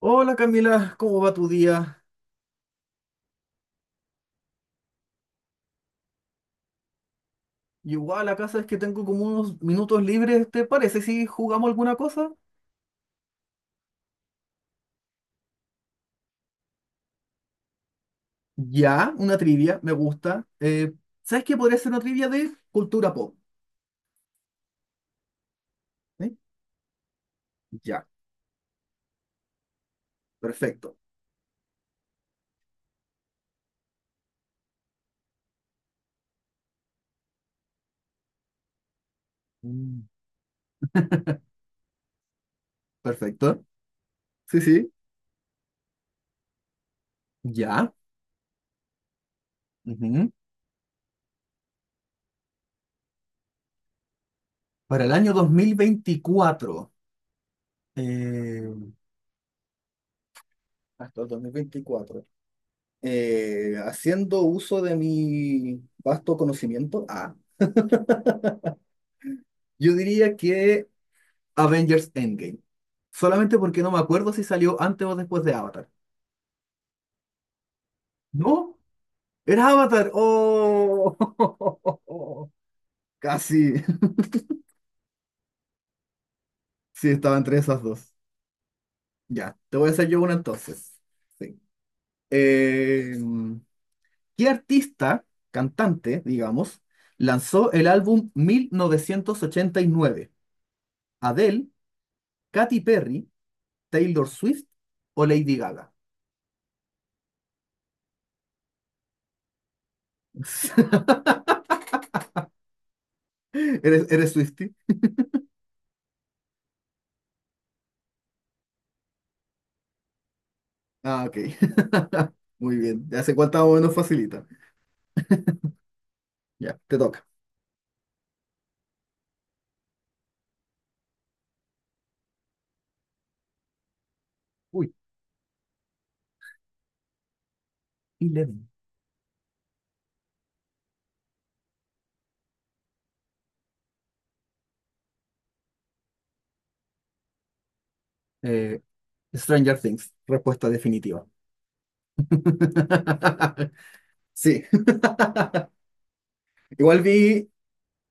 Hola Camila, ¿cómo va tu día? Igual acá sabes que tengo como unos minutos libres, ¿te parece si jugamos alguna cosa? Ya, una trivia, me gusta. ¿Sabes qué podría ser una trivia de cultura pop? ¿Eh? Ya, perfecto. Mm. Perfecto. Sí, sí. Ya. Ujú. Para el año 2024. eh, Hasta el 2024. Haciendo uso de mi vasto conocimiento, yo diría que Avengers Endgame. Solamente porque no me acuerdo si salió antes o después de Avatar. ¿No? ¿Era Avatar? ¡Oh! Casi. Sí, estaba entre esas dos. Ya, te voy a hacer yo una entonces. Sí. Eh, ¿Qué artista, cantante, digamos, lanzó el álbum 1989? ¿Adele, Katy Perry, Taylor Swift o Lady Gaga? ¿Eres Swifty? Ah, ok. Muy bien. Ya sé cuánta o menos facilita. Ya, te toca. Uy, Eleven. Eh, Stranger Things, respuesta definitiva. Sí, igual vi,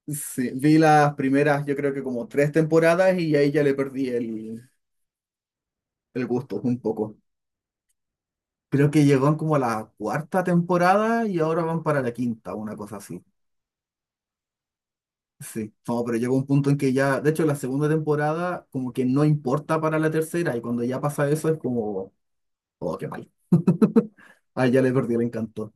sí, vi las primeras, yo creo que como tres temporadas y ahí ya le perdí el gusto un poco. Creo que llegaron como a la cuarta temporada y ahora van para la quinta, una cosa así. Sí, no, pero llegó un punto en que ya, de hecho, la segunda temporada como que no importa para la tercera y cuando ya pasa eso es como... Oh, qué mal. Ah, ya le perdí el encanto.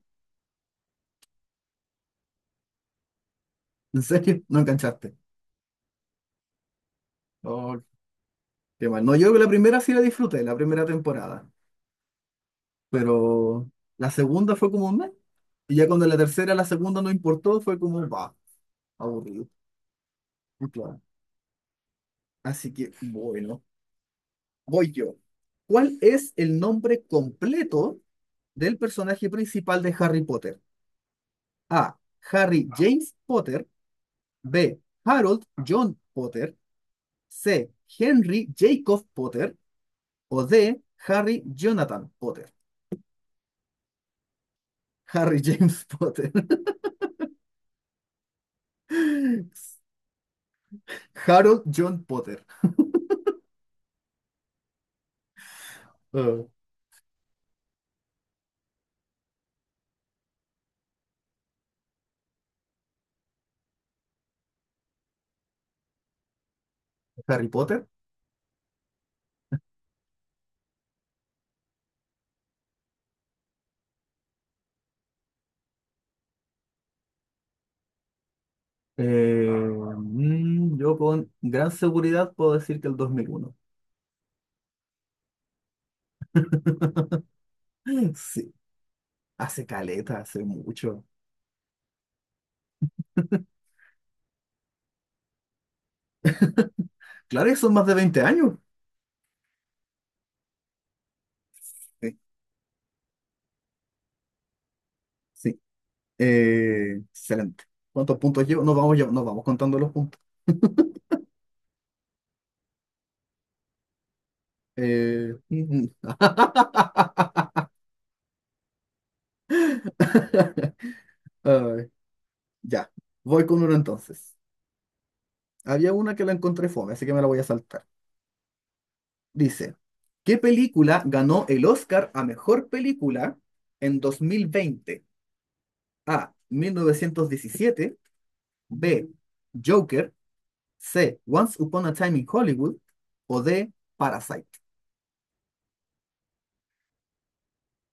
¿En serio? ¿No enganchaste? Oh, qué mal. No, yo la primera sí la disfruté, la primera temporada. Pero la segunda fue como un mes. Y ya cuando la tercera, la segunda no importó, fue como, va, aburrido. Y claro. Así que, bueno, voy yo. ¿Cuál es el nombre completo del personaje principal de Harry Potter? A. Harry James Potter. B. Harold John Potter. C. Henry Jacob Potter. O D. Harry Jonathan Potter. Harry James Potter. Harold John Potter. Eh, Harry Potter. Eh, yo con gran seguridad puedo decir que el 2001. Sí, hace caleta, hace mucho. Claro que son más de 20 años. Sí, sí. Excelente. ¿Cuántos puntos llevo? Nos vamos, nos vamos contando los puntos. Ujú. Ay, ya, voy con uno entonces. Había una que la encontré fome, así que me la voy a saltar. Dice, ¿qué película ganó el Oscar a mejor película en 2020? A. 1917, B. Joker, C. Once Upon a Time in Hollywood o D. Parasite.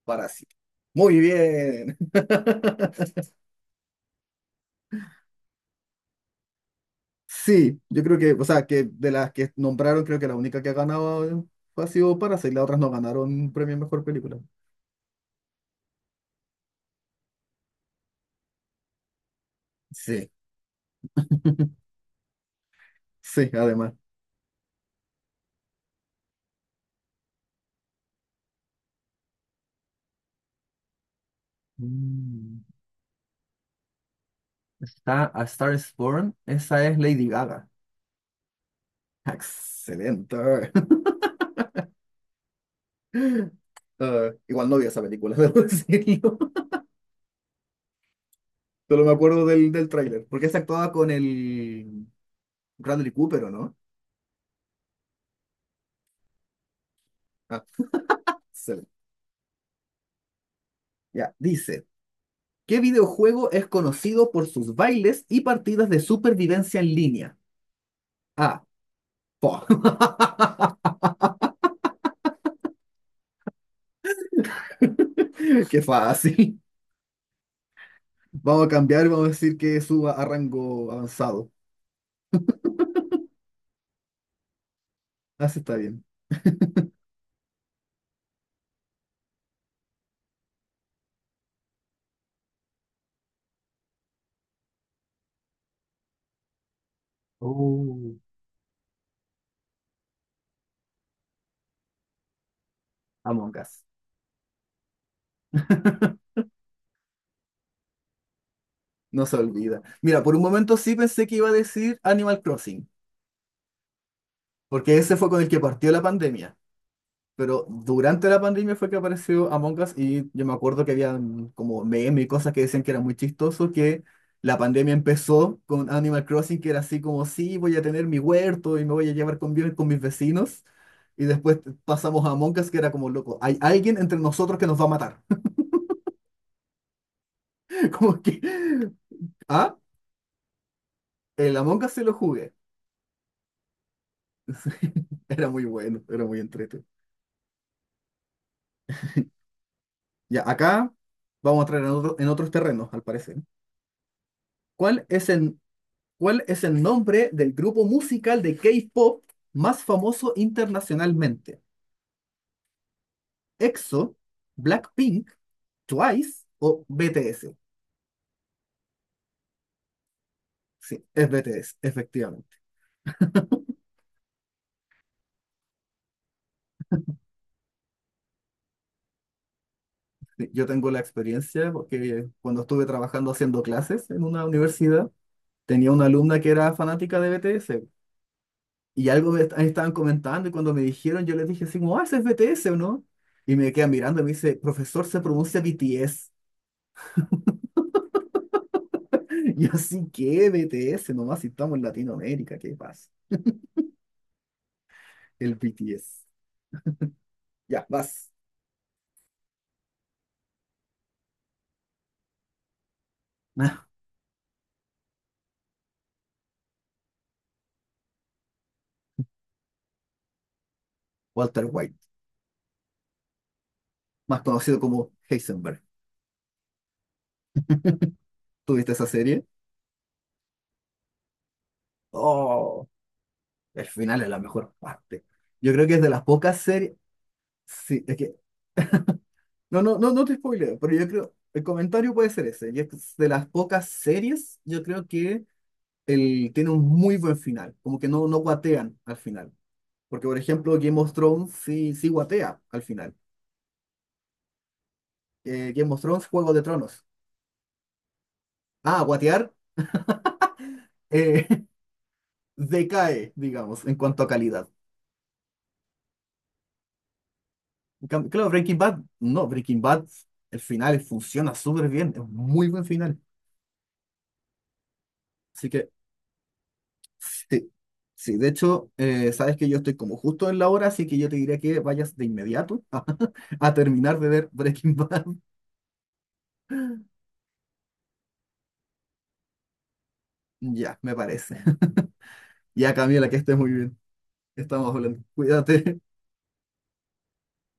Parasite. Muy bien. Sí, yo creo que, o sea, que de las que nombraron, creo que la única que ha ganado ha sido Parasite, las otras no ganaron premio a mejor película. Sí. Sí, además. Mm. Está A Star is Born. Esa es Lady Gaga. Excelente. Ah, igual no vi esa película, debo decirlo. Solo me acuerdo del tráiler. Porque se actuaba con el Bradley Cooper, ¿o no? Ah, excelente. Ya, dice, ¿qué videojuego es conocido por sus bailes y partidas de supervivencia en línea? Ah, po. Qué fácil. Vamos a cambiar, y vamos a decir que suba a rango avanzado. Así está bien. Oh. Among Us. No se olvida. Mira, por un momento sí pensé que iba a decir Animal Crossing, porque ese fue con el que partió la pandemia. Pero durante la pandemia fue que apareció Among Us y yo me acuerdo que había como memes y cosas que decían que era muy chistoso, que la pandemia empezó con Animal Crossing, que era así como, sí, voy a tener mi huerto y me voy a llevar con bien con mis vecinos. Y después pasamos a Among Us, que era como, loco, hay alguien entre nosotros que nos va a matar. Como que, ah, el Among Us se lo jugué. Era muy bueno, era muy entretenido. Ya, acá vamos a entrar en, en otros terrenos, al parecer. ¿Cuál es cuál es el nombre del grupo musical de K-pop más famoso internacionalmente? ¿EXO, Blackpink, Twice o BTS? Sí, es BTS, efectivamente. Sí, yo tengo la experiencia porque cuando estuve trabajando haciendo clases en una universidad, tenía una alumna que era fanática de BTS. Y algo me estaban comentando y cuando me dijeron, yo les dije así como, ah, ese es BTS o no. Y me quedan mirando y me dice, profesor, se pronuncia BTS. Y yo así, ¿qué BTS? Nomás si estamos en Latinoamérica, ¿qué pasa? El BTS. Ya, vas. Ah, Walter White, más conocido como Heisenberg. ¿Tuviste esa serie? Oh, el final es la mejor parte. Yo creo que es de las pocas series. Sí, es que. No, no, no, no te spoileo, pero yo creo. El comentario puede ser ese. Y es de las pocas series, yo creo que el, tiene un muy buen final, como que no, no guatean al final. Porque, por ejemplo, Game of Thrones sí, sí guatea al final. Game of Thrones, Juego de Tronos. Ah, guatear eh, decae, digamos, en cuanto a calidad. Claro, Breaking Bad, no, Breaking Bad, el final funciona súper bien, es un muy buen final. Así que, sí, sí, de hecho, sabes que yo estoy como justo en la hora, así que yo te diría que vayas de inmediato a, terminar de ver Breaking Bad. Ya, me parece. Ya, Camila, que estés muy bien. Estamos hablando. Cuídate.